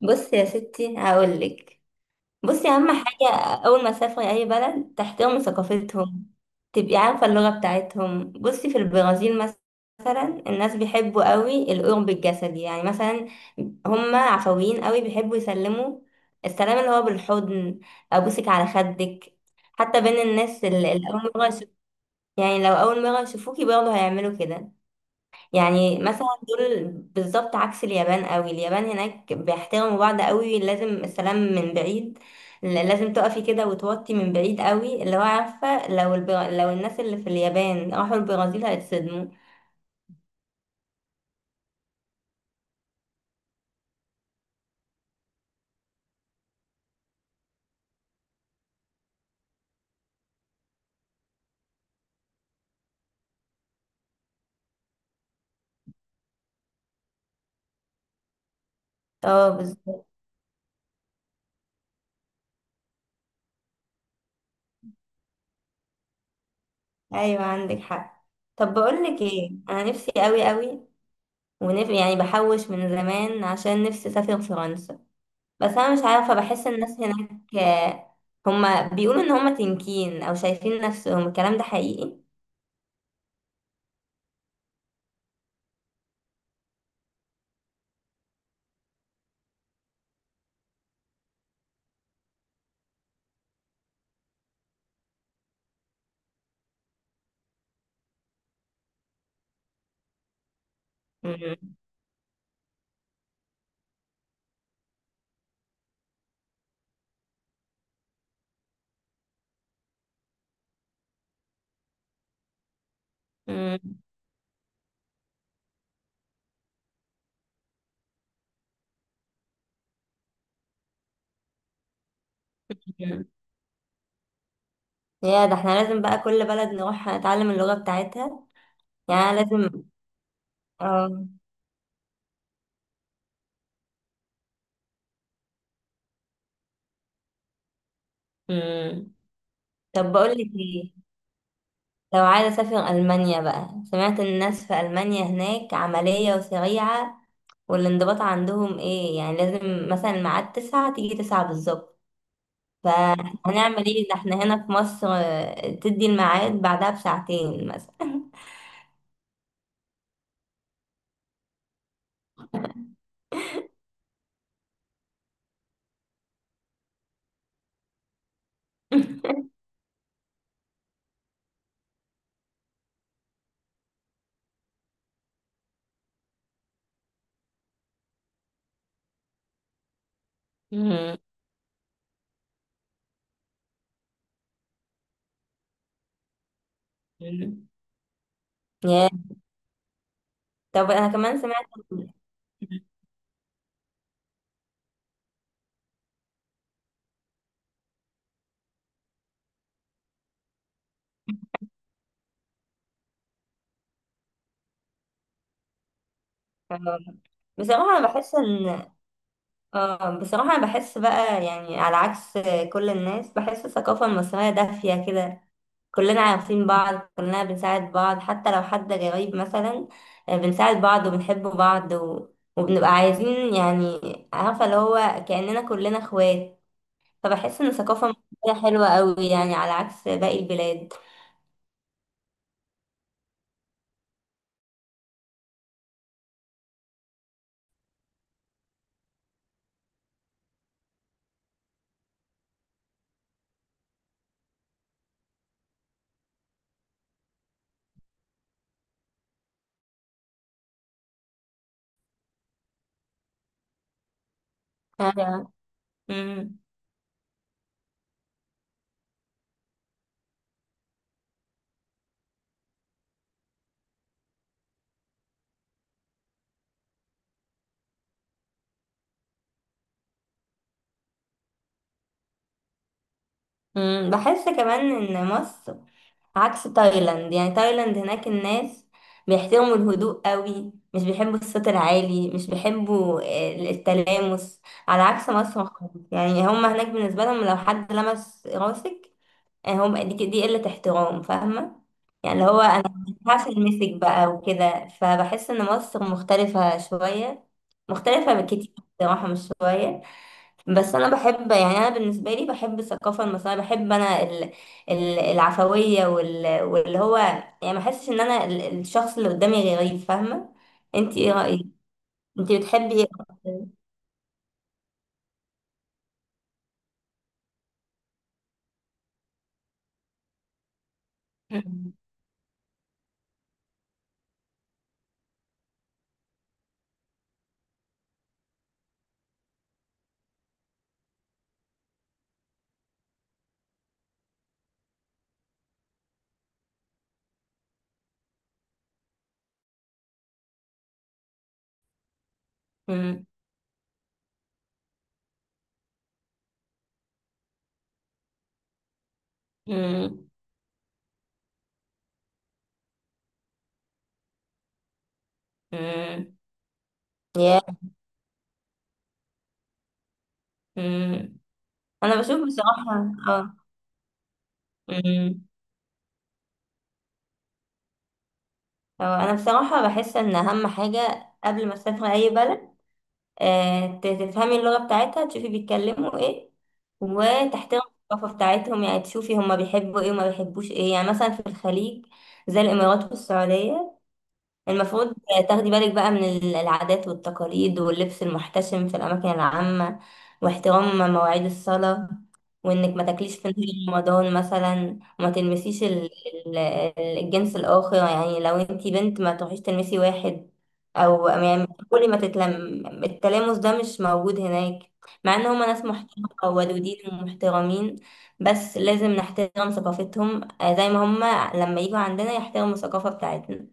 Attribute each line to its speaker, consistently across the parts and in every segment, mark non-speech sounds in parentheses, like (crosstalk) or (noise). Speaker 1: بصي يا ستي هقولك. بصي اهم حاجه، اول ما تسافري اي بلد تحترمي ثقافتهم، تبقي عارفه اللغه بتاعتهم. بصي في البرازيل مثلا الناس بيحبوا قوي القرب الجسدي، يعني مثلا هم عفويين قوي، بيحبوا يسلموا، السلام اللي هو بالحضن، ابوسك على خدك، حتى بين الناس اللي اول مره يعني لو اول مره يشوفوكي برضه هيعملوا كده. يعني مثلا دول بالظبط عكس اليابان قوي، اليابان هناك بيحترموا بعض قوي، لازم السلام من بعيد، لازم تقفي كده وتوطي من بعيد قوي، اللي هو عارفة، لو الناس اللي في اليابان راحوا البرازيل هيتصدموا. اه بالظبط، ايوه عندك حق. طب بقولك ايه، انا نفسي قوي قوي، يعني بحوش من زمان عشان نفسي اسافر فرنسا، بس انا مش عارفة، بحس الناس هناك هما بيقولوا ان هما تنكين او شايفين نفسهم، الكلام ده حقيقي؟ مم. مم. يا، ده احنا لازم بقى كل بلد نروح نتعلم اللغة بتاعتها، يعني أنا لازم. اه مم. طب بقولك ايه، لو عايزة اسافر ألمانيا بقى، سمعت الناس في ألمانيا هناك عملية وسريعة، والانضباط عندهم ايه، يعني لازم مثلا الميعاد تسعة تيجي تسعة بالظبط. فهنعمل ايه، ده احنا هنا في مصر تدي الميعاد بعدها بساعتين مثلا. (laughs) مم. يا طب انا كمان سمعت. آه، بصراحة أنا بحس إن بصراحة أنا بحس بقى، يعني على عكس كل الناس، بحس الثقافة المصرية دافية كده، كلنا عارفين بعض، كلنا بنساعد بعض حتى لو حد غريب مثلا. بنساعد بعض وبنحب بعض وبنبقى عايزين يعني، عارفة اللي هو كأننا كلنا اخوات. فبحس إن الثقافة المصرية حلوة أوي، يعني على عكس باقي البلاد. آه، مم. مم. بحس كمان إن مصر عكس تايلاند، يعني تايلاند هناك الناس بيحترموا الهدوء قوي، مش بيحبوا الصوت العالي، مش بيحبوا التلامس، على عكس مصر خالص، يعني هم هناك بالنسبة لهم لو حد لمس راسك هم دي قلة احترام، فاهمة؟ يعني اللي هو انا مينفعش المسك بقى وكده، فبحس ان مصر مختلفة شوية، مختلفة بكتير، بصراحة مش شوية. بس انا بحب يعني، انا بالنسبه لي بحب الثقافه المصريه، بحب انا العفويه واللي هو، يعني ما احسش ان انا الشخص اللي قدامي غريب، فاهمه؟ انت ايه رايك، انت بتحبي ايه (laughs) أكتر؟ أمم، أمم، أمم، يا أمم. انا بشوف بصراحه أمم. اه انا بصراحه بحس ان اهم حاجه قبل ما اسافر اي بلد، تفهمي اللغة بتاعتها، تشوفي بيتكلموا ايه، وتحترمي الثقافة بتاعتهم، يعني تشوفي هما بيحبوا ايه وما بيحبوش ايه. يعني مثلا في الخليج زي الإمارات والسعودية، المفروض تاخدي بالك بقى من العادات والتقاليد واللبس المحتشم في الأماكن العامة، واحترام مواعيد الصلاة، وإنك ما تاكليش في نهار رمضان مثلا، وما تلمسيش ال- الجنس الآخر، يعني لو انتي بنت ما تروحيش تلمسي واحد، أو يعني كل ما تتلم، التلامس ده مش موجود هناك. مع إن هما ناس محترمة وودودين ومحترمين، بس لازم نحترم ثقافتهم، زي ما هما لما يجوا عندنا يحترموا الثقافة بتاعتنا.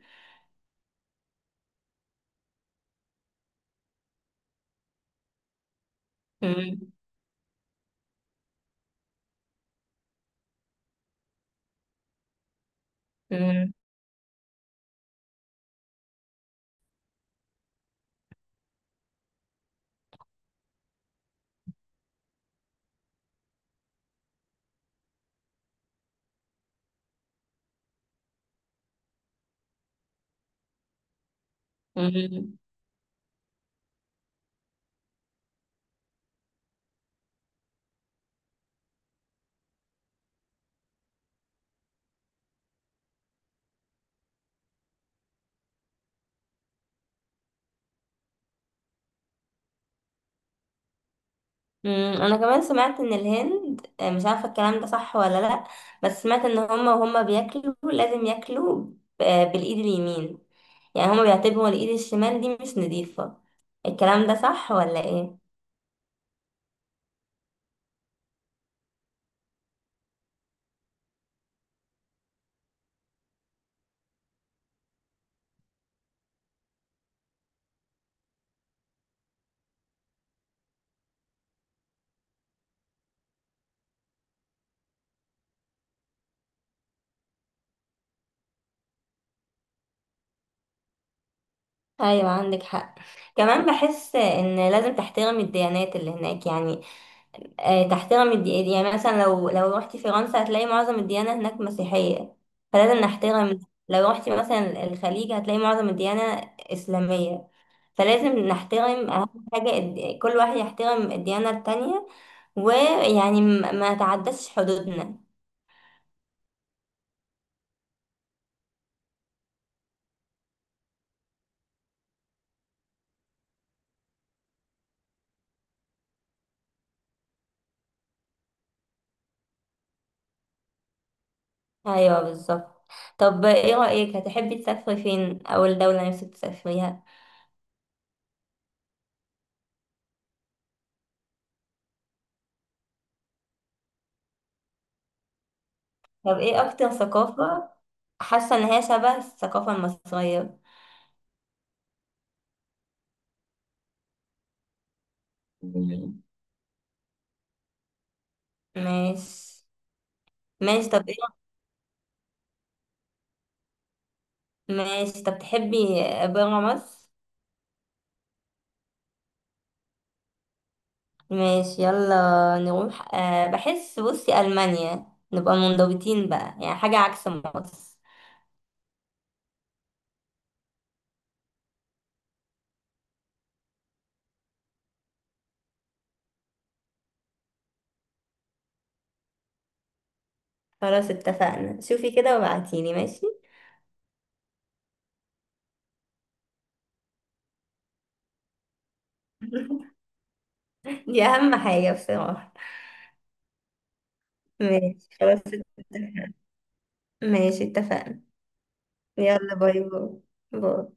Speaker 1: مم. مم. مم. مم. انا كمان سمعت ان الهند، مش عارفه الكلام ده صح ولا لا، بس سمعت ان هما وهما بياكلوا لازم ياكلوا بالايد اليمين، يعني هما بيعتبروا الايد الشمال دي مش نظيفه. الكلام ده صح ولا ايه؟ ايوه عندك حق. كمان بحس ان لازم تحترم الديانات اللي هناك، يعني تحترم يعني مثلا لو رحتي فرنسا هتلاقي معظم الديانة هناك مسيحية، فلازم نحترم. لو رحتي مثلا الخليج هتلاقي معظم الديانة إسلامية، فلازم نحترم. أهم حاجة كل واحد يحترم الديانة التانية، ويعني ما تعدش حدودنا. أيوه بالظبط. طب إيه رأيك، هتحبي تسافري فين؟ أو الدولة نفسك تسافريها؟ طب إيه أكتر ثقافة حاسة إن هي شبه الثقافة المصرية؟ مم. ماشي. ماشي، طب ايه. ماشي، طب تحبي برا مصر؟ ماشي يلا نروح. بحس بصي ألمانيا نبقى منضبطين بقى يعني، حاجة عكس مصر. خلاص اتفقنا، شوفي كده وبعتيلي ماشي. (laughs) دي أهم حاجة بصراحة. ماشي خلاص اتفقنا. ماشي اتفقنا. يلا باي باي. باي.